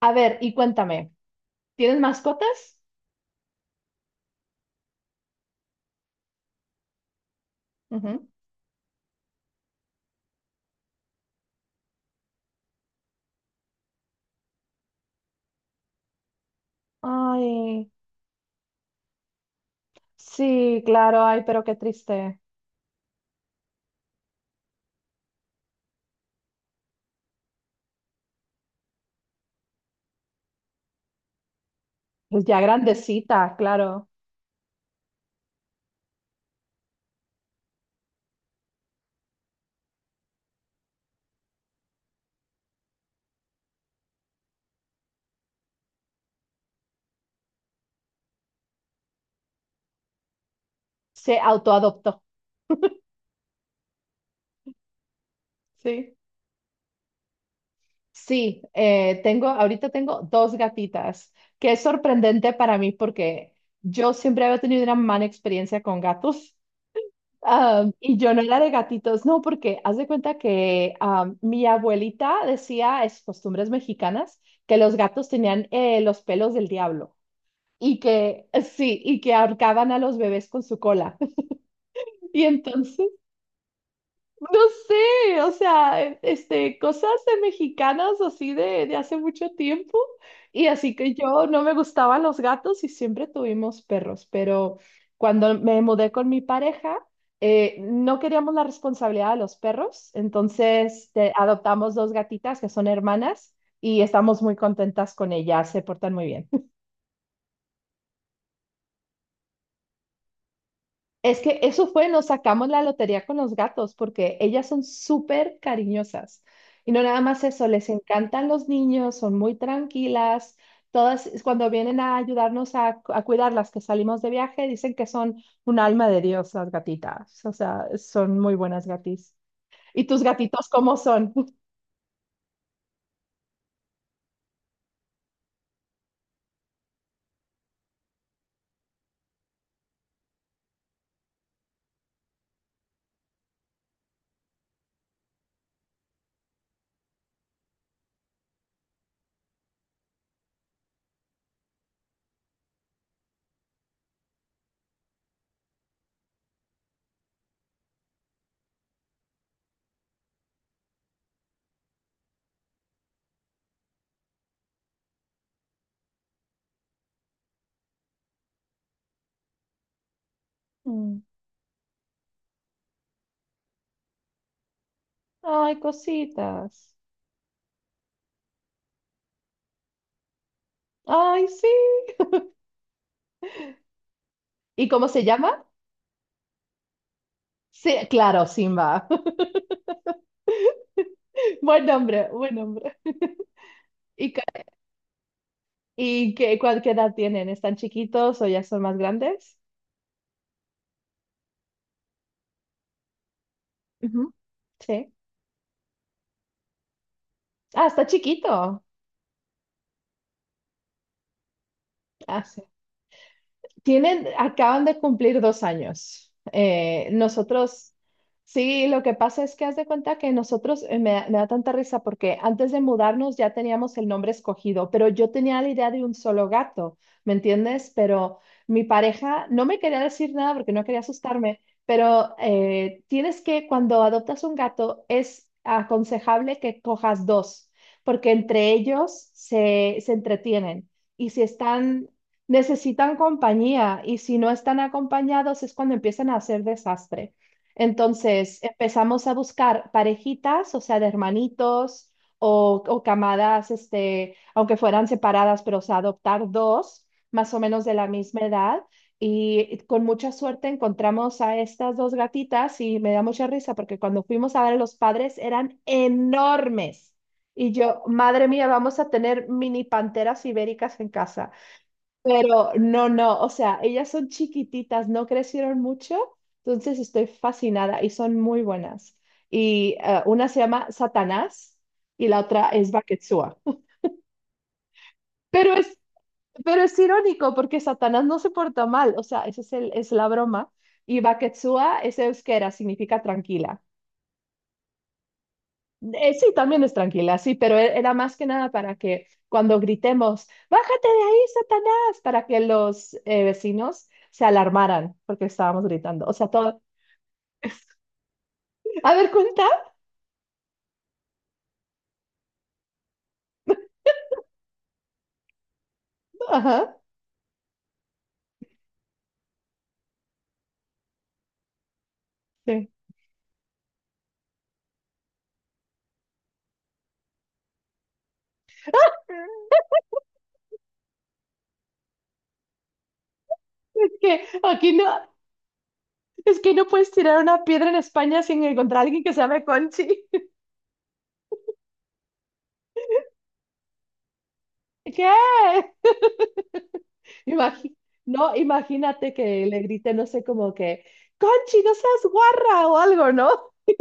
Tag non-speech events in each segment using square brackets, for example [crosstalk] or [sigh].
A ver, y cuéntame, ¿tienes mascotas? Ujú. Ay, sí, claro, ay, pero qué triste. Pues ya grandecita, claro. Se autoadoptó. Sí. Sí, tengo, ahorita tengo dos gatitas, que es sorprendente para mí porque yo siempre había tenido una mala experiencia con gatos. Y yo no era de gatitos, no, porque haz de cuenta que mi abuelita decía, es costumbres mexicanas, que los gatos tenían los pelos del diablo. y que, sí, y que ahorcaban a los bebés con su cola. [laughs] Y entonces, no sé, o sea, este, cosas de mexicanas así de hace mucho tiempo. Y así que yo no me gustaban los gatos y siempre tuvimos perros, pero cuando me mudé con mi pareja, no queríamos la responsabilidad de los perros, entonces adoptamos dos gatitas que son hermanas y estamos muy contentas con ellas, se portan muy bien. Es que eso fue, nos sacamos la lotería con los gatos porque ellas son súper cariñosas. Y no nada más eso, les encantan los niños, son muy tranquilas. Todas cuando vienen a ayudarnos a, a cuidarlas que salimos de viaje, dicen que son un alma de Dios las gatitas. O sea, son muy buenas gatis. ¿Y tus gatitos cómo son? [laughs] Mm. Ay, cositas. Ay, sí. ¿Y cómo se llama? Sí, claro, Simba. [laughs] Buen nombre, buen nombre. [laughs] ¿Y ¿Y qué, cuál, qué edad tienen? ¿Están chiquitos o ya son más grandes? Ujú. Sí. Ah, está chiquito. Ah, sí. Tienen, acaban de cumplir dos años. Nosotros, sí, lo que pasa es que haz de cuenta que nosotros, me da tanta risa porque antes de mudarnos ya teníamos el nombre escogido, pero yo tenía la idea de un solo gato, ¿me entiendes? Pero mi pareja no me quería decir nada porque no quería asustarme, pero tienes que, cuando adoptas un gato, es aconsejable que cojas dos, porque entre ellos se entretienen. Y si están necesitan compañía y si no están acompañados es cuando empiezan a hacer desastre. Entonces empezamos a buscar parejitas, o sea, de hermanitos o camadas, este, aunque fueran separadas, pero o sea, adoptar dos más o menos de la misma edad. Y con mucha suerte encontramos a estas dos gatitas y me da mucha risa porque cuando fuimos a ver a los padres eran enormes. Y yo, madre mía, vamos a tener mini panteras ibéricas en casa. Pero no, no, o sea, ellas son chiquititas, no crecieron mucho, entonces estoy fascinada y son muy buenas. Y una se llama Satanás y la otra es Baketsua. Pero es, pero es irónico porque Satanás no se porta mal, o sea, esa es, es la broma. Y Baketsua es euskera, significa tranquila. Sí, también es tranquila, sí, pero era más que nada para que cuando gritemos, bájate de ahí, Satanás, para que los vecinos se alarmaran porque estábamos gritando. O sea, todo. A ver, cuenta. Ajá. Sí. Es que aquí no, es que no puedes tirar una piedra en España sin encontrar a alguien que se llame Conchi. [laughs] ¿Qué? Imagi- no, imagínate que le grite, no sé, como que, Conchi, no seas guarra o algo, ¿no? [laughs]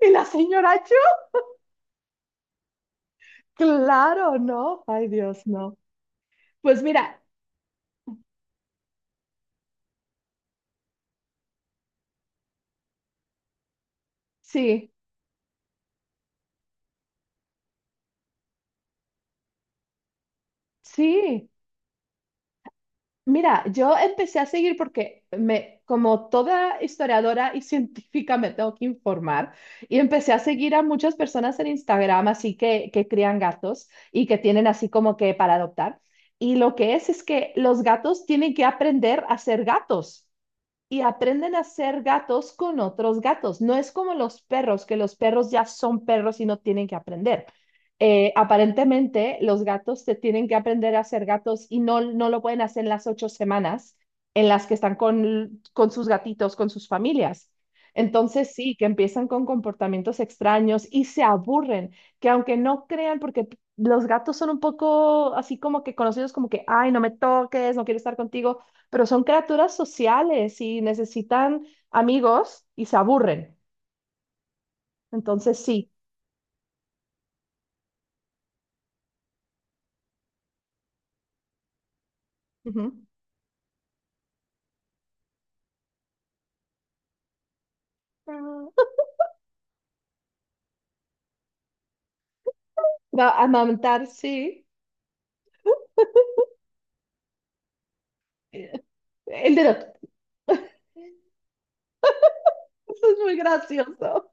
Y la señora... Claro, no. Ay, Dios, no. Pues mira, sí, sí. Mira, yo empecé a seguir porque me, como toda historiadora y [laughs] científica, me tengo que informar y empecé a seguir a muchas personas en Instagram, así que crían gatos y que tienen así como que para adoptar. Y lo que es que los gatos tienen que aprender a ser gatos, y aprenden a ser gatos con otros gatos. No es como los perros, que los perros ya son perros y no tienen que aprender. Aparentemente, los gatos se tienen que aprender a ser gatos y no, no lo pueden hacer en las ocho semanas en las que están con sus gatitos, con sus familias. Entonces, sí, que empiezan con comportamientos extraños y se aburren, que aunque no crean, porque los gatos son un poco así como que conocidos como que, ay, no me toques, no quiero estar contigo, pero son criaturas sociales y necesitan amigos y se aburren. Entonces, sí. Ujú. [laughs] Va a amamantar, sí. Eh, El dedo. Eso [laughs] es muy gracioso.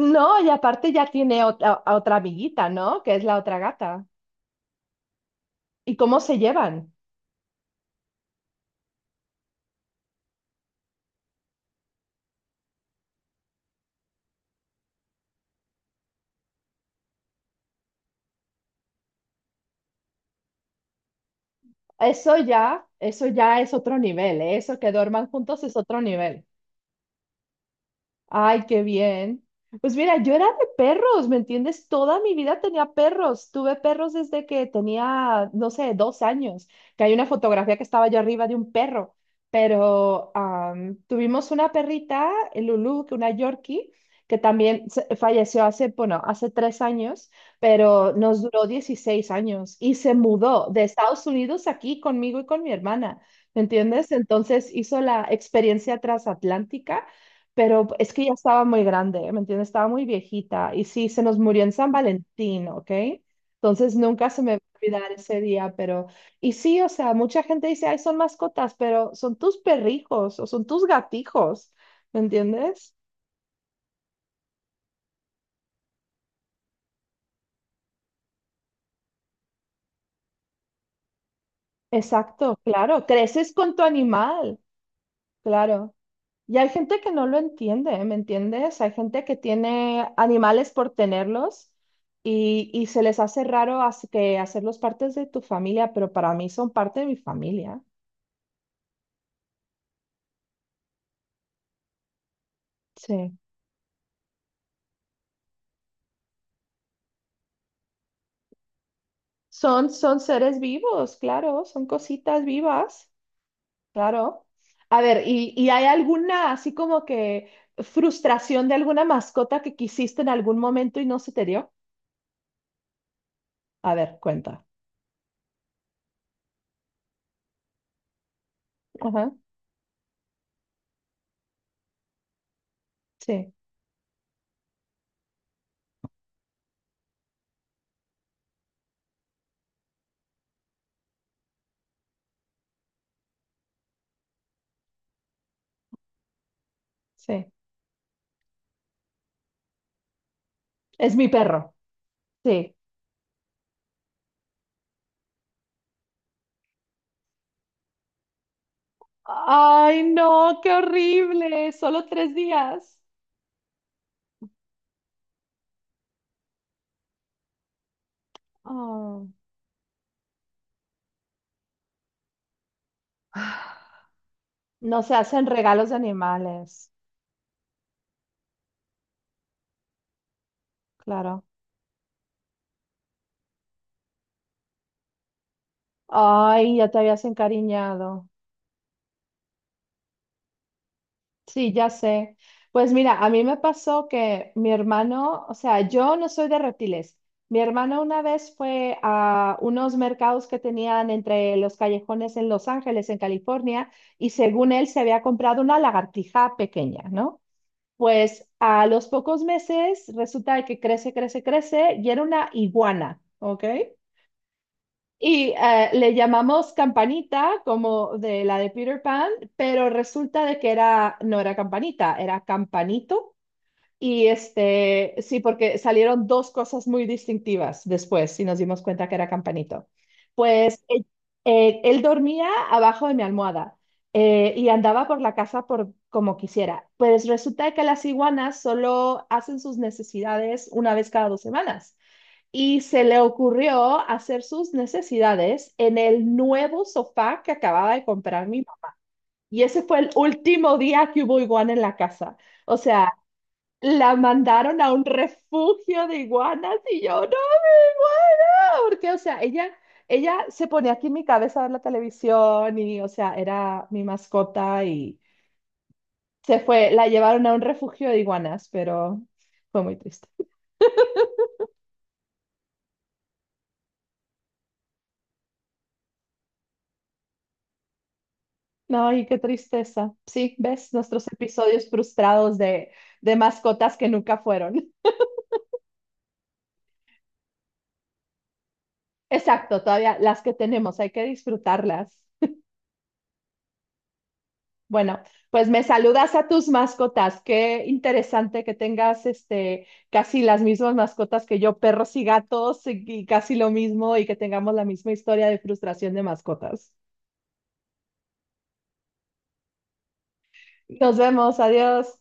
No, y aparte ya tiene otra, a otra amiguita, ¿no? Que es la otra gata. ¿Y cómo se llevan? Eso ya es otro nivel, ¿eh? Eso que duerman juntos es otro nivel. Ay, qué bien. Pues mira, yo era de perros, ¿me entiendes? Toda mi vida tenía perros. Tuve perros desde que tenía, no sé, dos años, que hay una fotografía que estaba yo arriba de un perro. Pero tuvimos una perrita, Lulu, que una Yorkie, que también falleció hace, bueno, hace tres años, pero nos duró 16 años y se mudó de Estados Unidos aquí conmigo y con mi hermana, ¿me entiendes? Entonces hizo la experiencia transatlántica, pero es que ya estaba muy grande, ¿eh? ¿Me entiendes? Estaba muy viejita. Y sí, se nos murió en San Valentín, ¿ok? Entonces nunca se me va a olvidar ese día, pero... Y sí, o sea, mucha gente dice, ay, son mascotas, pero son tus perrijos o son tus gatijos, ¿me entiendes? Exacto, claro. Creces con tu animal, claro. Y hay gente que no lo entiende, ¿me entiendes? Hay gente que tiene animales por tenerlos y se les hace raro que hacerlos partes de tu familia, pero para mí son parte de mi familia. Sí. Son, son seres vivos, claro, son cositas vivas, claro. A ver, y hay alguna así como que frustración de alguna mascota que quisiste en algún momento y no se te dio? A ver, cuenta. Ajá, sí, sí. Es mi perro. Sí. Ay, no, qué horrible. Solo tres días. Oh. No se hacen regalos de animales, claro. Ay, ya te habías encariñado. Sí, ya sé. Pues mira, a mí me pasó que mi hermano, o sea, yo no soy de reptiles. Mi hermano una vez fue a unos mercados que tenían entre los callejones en Los Ángeles, en California, y según él se había comprado una lagartija pequeña, ¿no? Pues a los pocos meses resulta que crece, crece, crece y era una iguana, ¿ok? Y le llamamos Campanita como de la de Peter Pan, pero resulta de que era, no era Campanita, era Campanito. Y este, sí, porque salieron dos cosas muy distintivas después y nos dimos cuenta que era Campanito. Pues él dormía abajo de mi almohada, y andaba por la casa por como quisiera. Pues resulta que las iguanas solo hacen sus necesidades una vez cada dos semanas. Y se le ocurrió hacer sus necesidades en el nuevo sofá que acababa de comprar mi mamá. Y ese fue el último día que hubo iguana en la casa. O sea, la mandaron a un refugio de iguanas y yo, no, igual, porque, o sea, ella se ponía aquí en mi cabeza a ver la televisión y, o sea, era mi mascota y se fue, la llevaron a un refugio de iguanas, pero fue muy triste. No, y qué tristeza. Sí, ves nuestros episodios frustrados de mascotas que nunca fueron. [laughs] Exacto, todavía las que tenemos, hay que disfrutarlas. Bueno, pues me saludas a tus mascotas. Qué interesante que tengas este casi las mismas mascotas que yo, perros y gatos, y casi lo mismo, y que tengamos la misma historia de frustración de mascotas. Nos vemos, adiós.